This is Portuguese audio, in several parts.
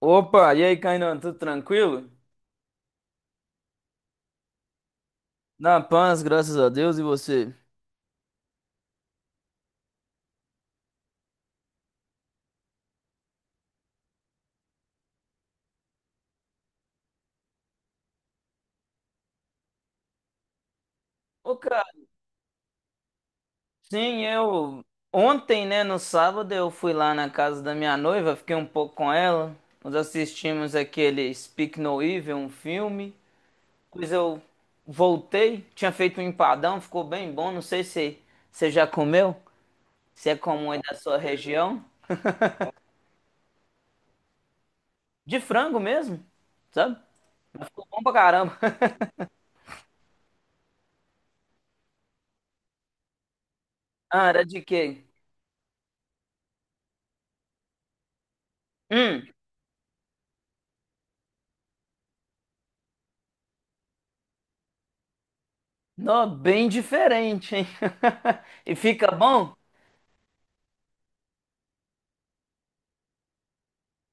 Opa, e aí, Kainan, tudo tranquilo? Na paz, graças a Deus, e você? Ô, cara, sim, eu. Ontem, né, no sábado, eu fui lá na casa da minha noiva, fiquei um pouco com ela. Nós assistimos aquele Speak No Evil, um filme. Depois eu voltei, tinha feito um empadão, ficou bem bom. Não sei se você já comeu, se é comum aí da sua região. De frango mesmo, sabe? Ficou bom pra caramba. Ah, era de quê? Hum. Nó, bem diferente, hein? E fica bom?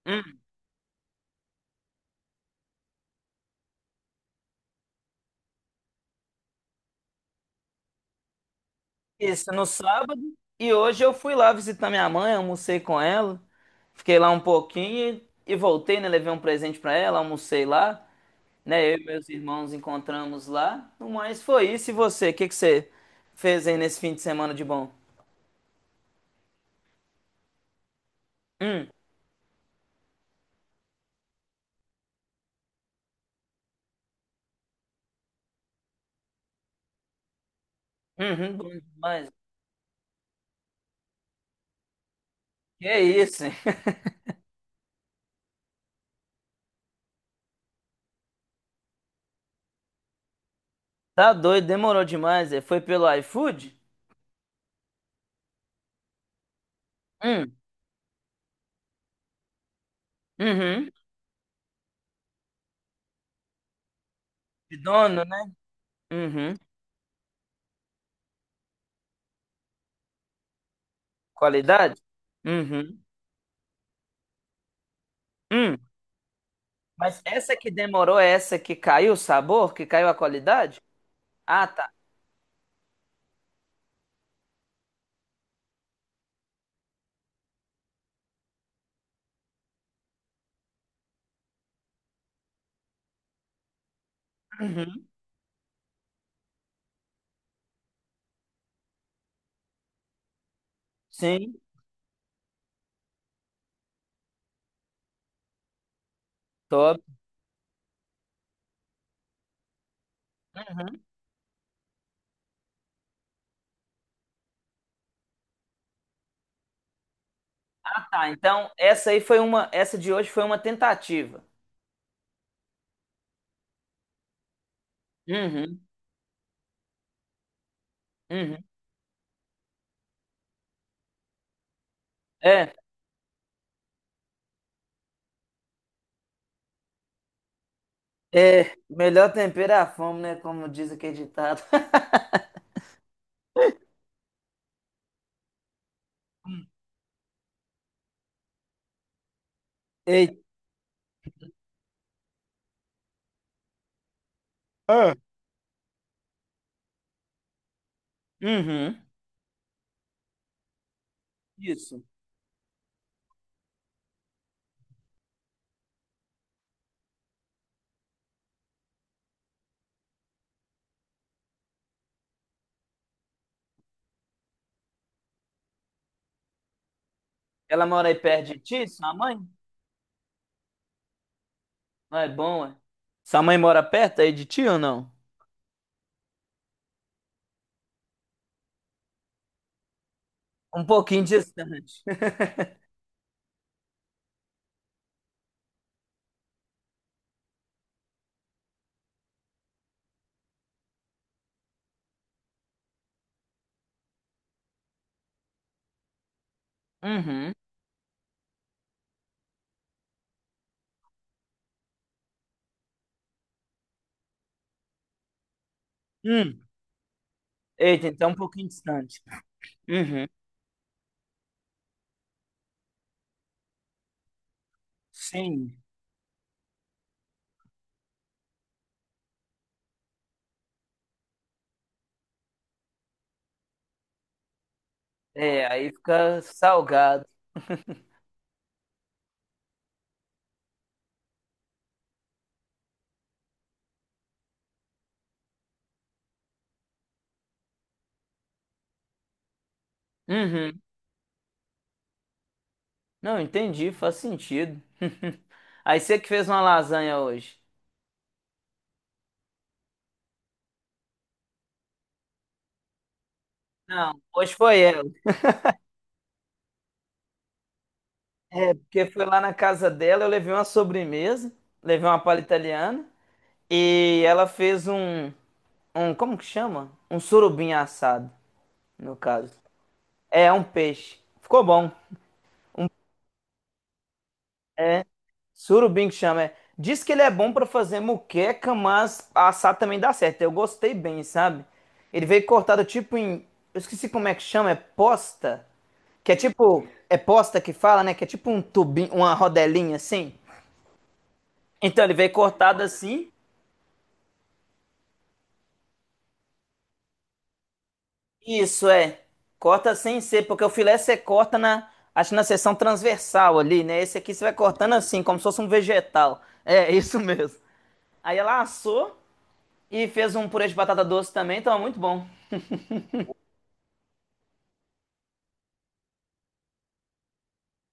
Hum. Isso, no sábado. E hoje eu fui lá visitar minha mãe, almocei com ela. Fiquei lá um pouquinho e voltei, né? Levei um presente pra ela, almocei lá. Né? Eu e meus irmãos encontramos lá. Mas foi isso. E você? O que que você fez aí nesse fim de semana de bom? Hum, uhum, bom demais. Que isso, hein? Tá doido, demorou demais. É. Foi pelo iFood? Hum, uhum. De dono, né? Uhum. Qualidade? Uhum. Hum. Mas essa que demorou é essa que caiu o sabor, que caiu a qualidade? Ah, tá. Uhum. Sim, top. Uhum. Tá, então essa aí foi uma, essa de hoje foi uma tentativa. Uhum. Uhum. É, melhor tempero é a fome, né? Como diz aquele ditado. Ei. Ah. Uhum. Isso. Ela mora aí perto de ti, sua mãe? Não é bom, é? Sua mãe mora perto aí de ti ou não? Um pouquinho distante. Uhum. Hum. Eita, então é um pouquinho distante. Uhum. Sim. É, aí fica salgado. Uhum. Não, entendi, faz sentido. Aí você que fez uma lasanha hoje. Não, hoje foi ela. É, porque foi lá na casa dela, eu levei uma sobremesa, levei uma palha italiana e ela fez um, um, como que chama? Um surubim assado, no caso. É, um peixe. Ficou bom. Surubim que chama, é. Diz que ele é bom pra fazer muqueca, mas assar também dá certo. Eu gostei bem, sabe? Ele veio cortado tipo em. Eu esqueci como é que chama, é posta? Que é tipo. É posta que fala, né? Que é tipo um tubinho, uma rodelinha assim. Então ele veio cortado assim. Isso é. Corta sem ser, porque o filé você corta na. Acho que na seção transversal ali, né? Esse aqui você vai cortando assim, como se fosse um vegetal. É, isso mesmo. Aí ela assou. E fez um purê de batata doce também, tava muito bom.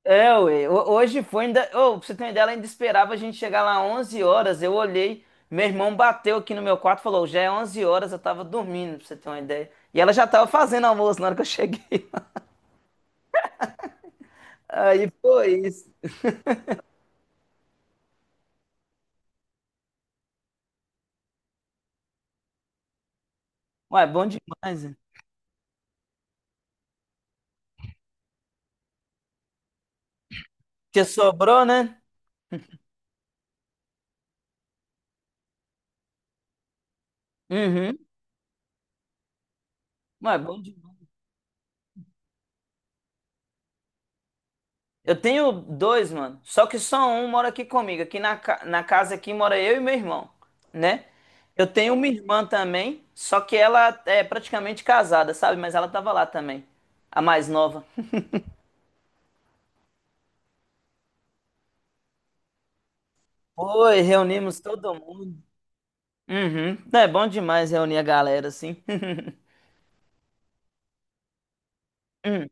É, ué, hoje foi ainda. Ô, pra você ter uma ideia, ela ainda esperava a gente chegar lá 11 horas. Eu olhei, meu irmão bateu aqui no meu quarto e falou: já é 11 horas, eu tava dormindo, pra você ter uma ideia. E ela já tava fazendo almoço na hora que eu cheguei. Aí foi isso. Ué, bom demais, né? Porque sobrou, né? Uhum. Ué, bom demais. Eu tenho dois, mano. Só que só um mora aqui comigo. Aqui na casa aqui mora eu e meu irmão, né? Eu tenho uma irmã também, só que ela é praticamente casada, sabe? Mas ela tava lá também, a mais nova. Oi, reunimos todo mundo. Uhum. É bom demais reunir a galera assim. Hum.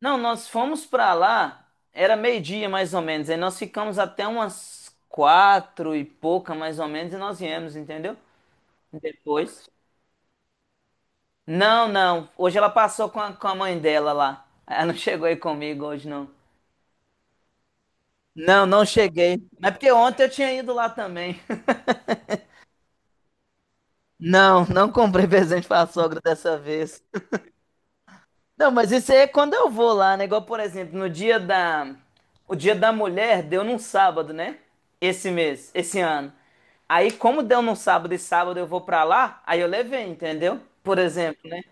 Não, nós fomos pra lá, era meio-dia mais ou menos. Aí nós ficamos até umas quatro e pouca mais ou menos e nós viemos, entendeu? Depois. Não, não. Hoje ela passou com a mãe dela lá. Ela não chegou aí comigo hoje, não. Não, não cheguei. Mas porque ontem eu tinha ido lá também. Não, não comprei presente pra sogra dessa vez. Não, mas isso aí é quando eu vou lá, né? Igual, por exemplo, no dia da... O dia da mulher deu num sábado, né? Esse mês, esse ano. Aí, como deu num sábado e sábado eu vou pra lá, aí eu levei, entendeu? Por exemplo, né?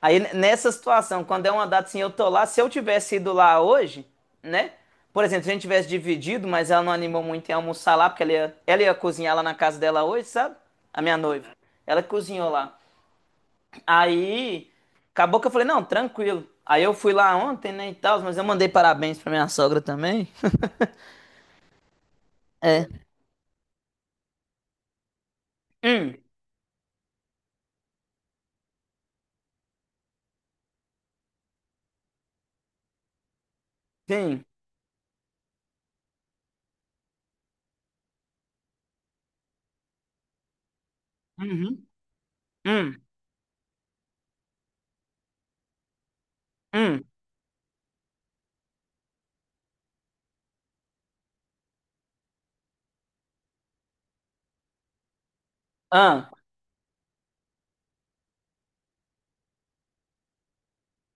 Aí, nessa situação, quando é uma data assim, eu tô lá, se eu tivesse ido lá hoje, né? Por exemplo, se a gente tivesse dividido, mas ela não animou muito em almoçar lá, porque ela ia cozinhar lá na casa dela hoje, sabe? A minha noiva. Ela cozinhou lá. Aí, acabou que eu falei, não, tranquilo. Aí eu fui lá ontem, né, e tal, mas eu mandei parabéns pra minha sogra também. É. Hum, sim. Uhum. Hum, hum. Ah,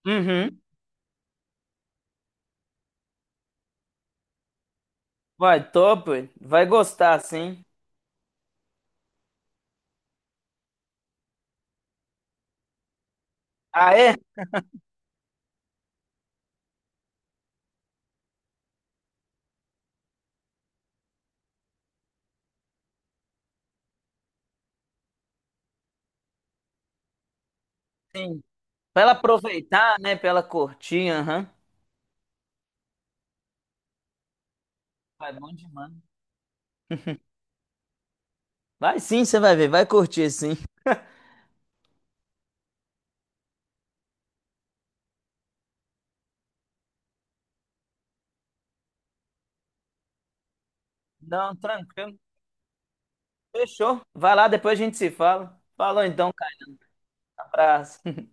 uhum. Vai, top. Vai gostar, sim. Ah, é? Sim. Pra ela aproveitar, né, pra ela curtir, aham. Vai, bom demais. Vai sim, você vai ver, vai curtir sim. Não, tranquilo. Fechou. Vai lá, depois a gente se fala. Falou então, cara. Abraço.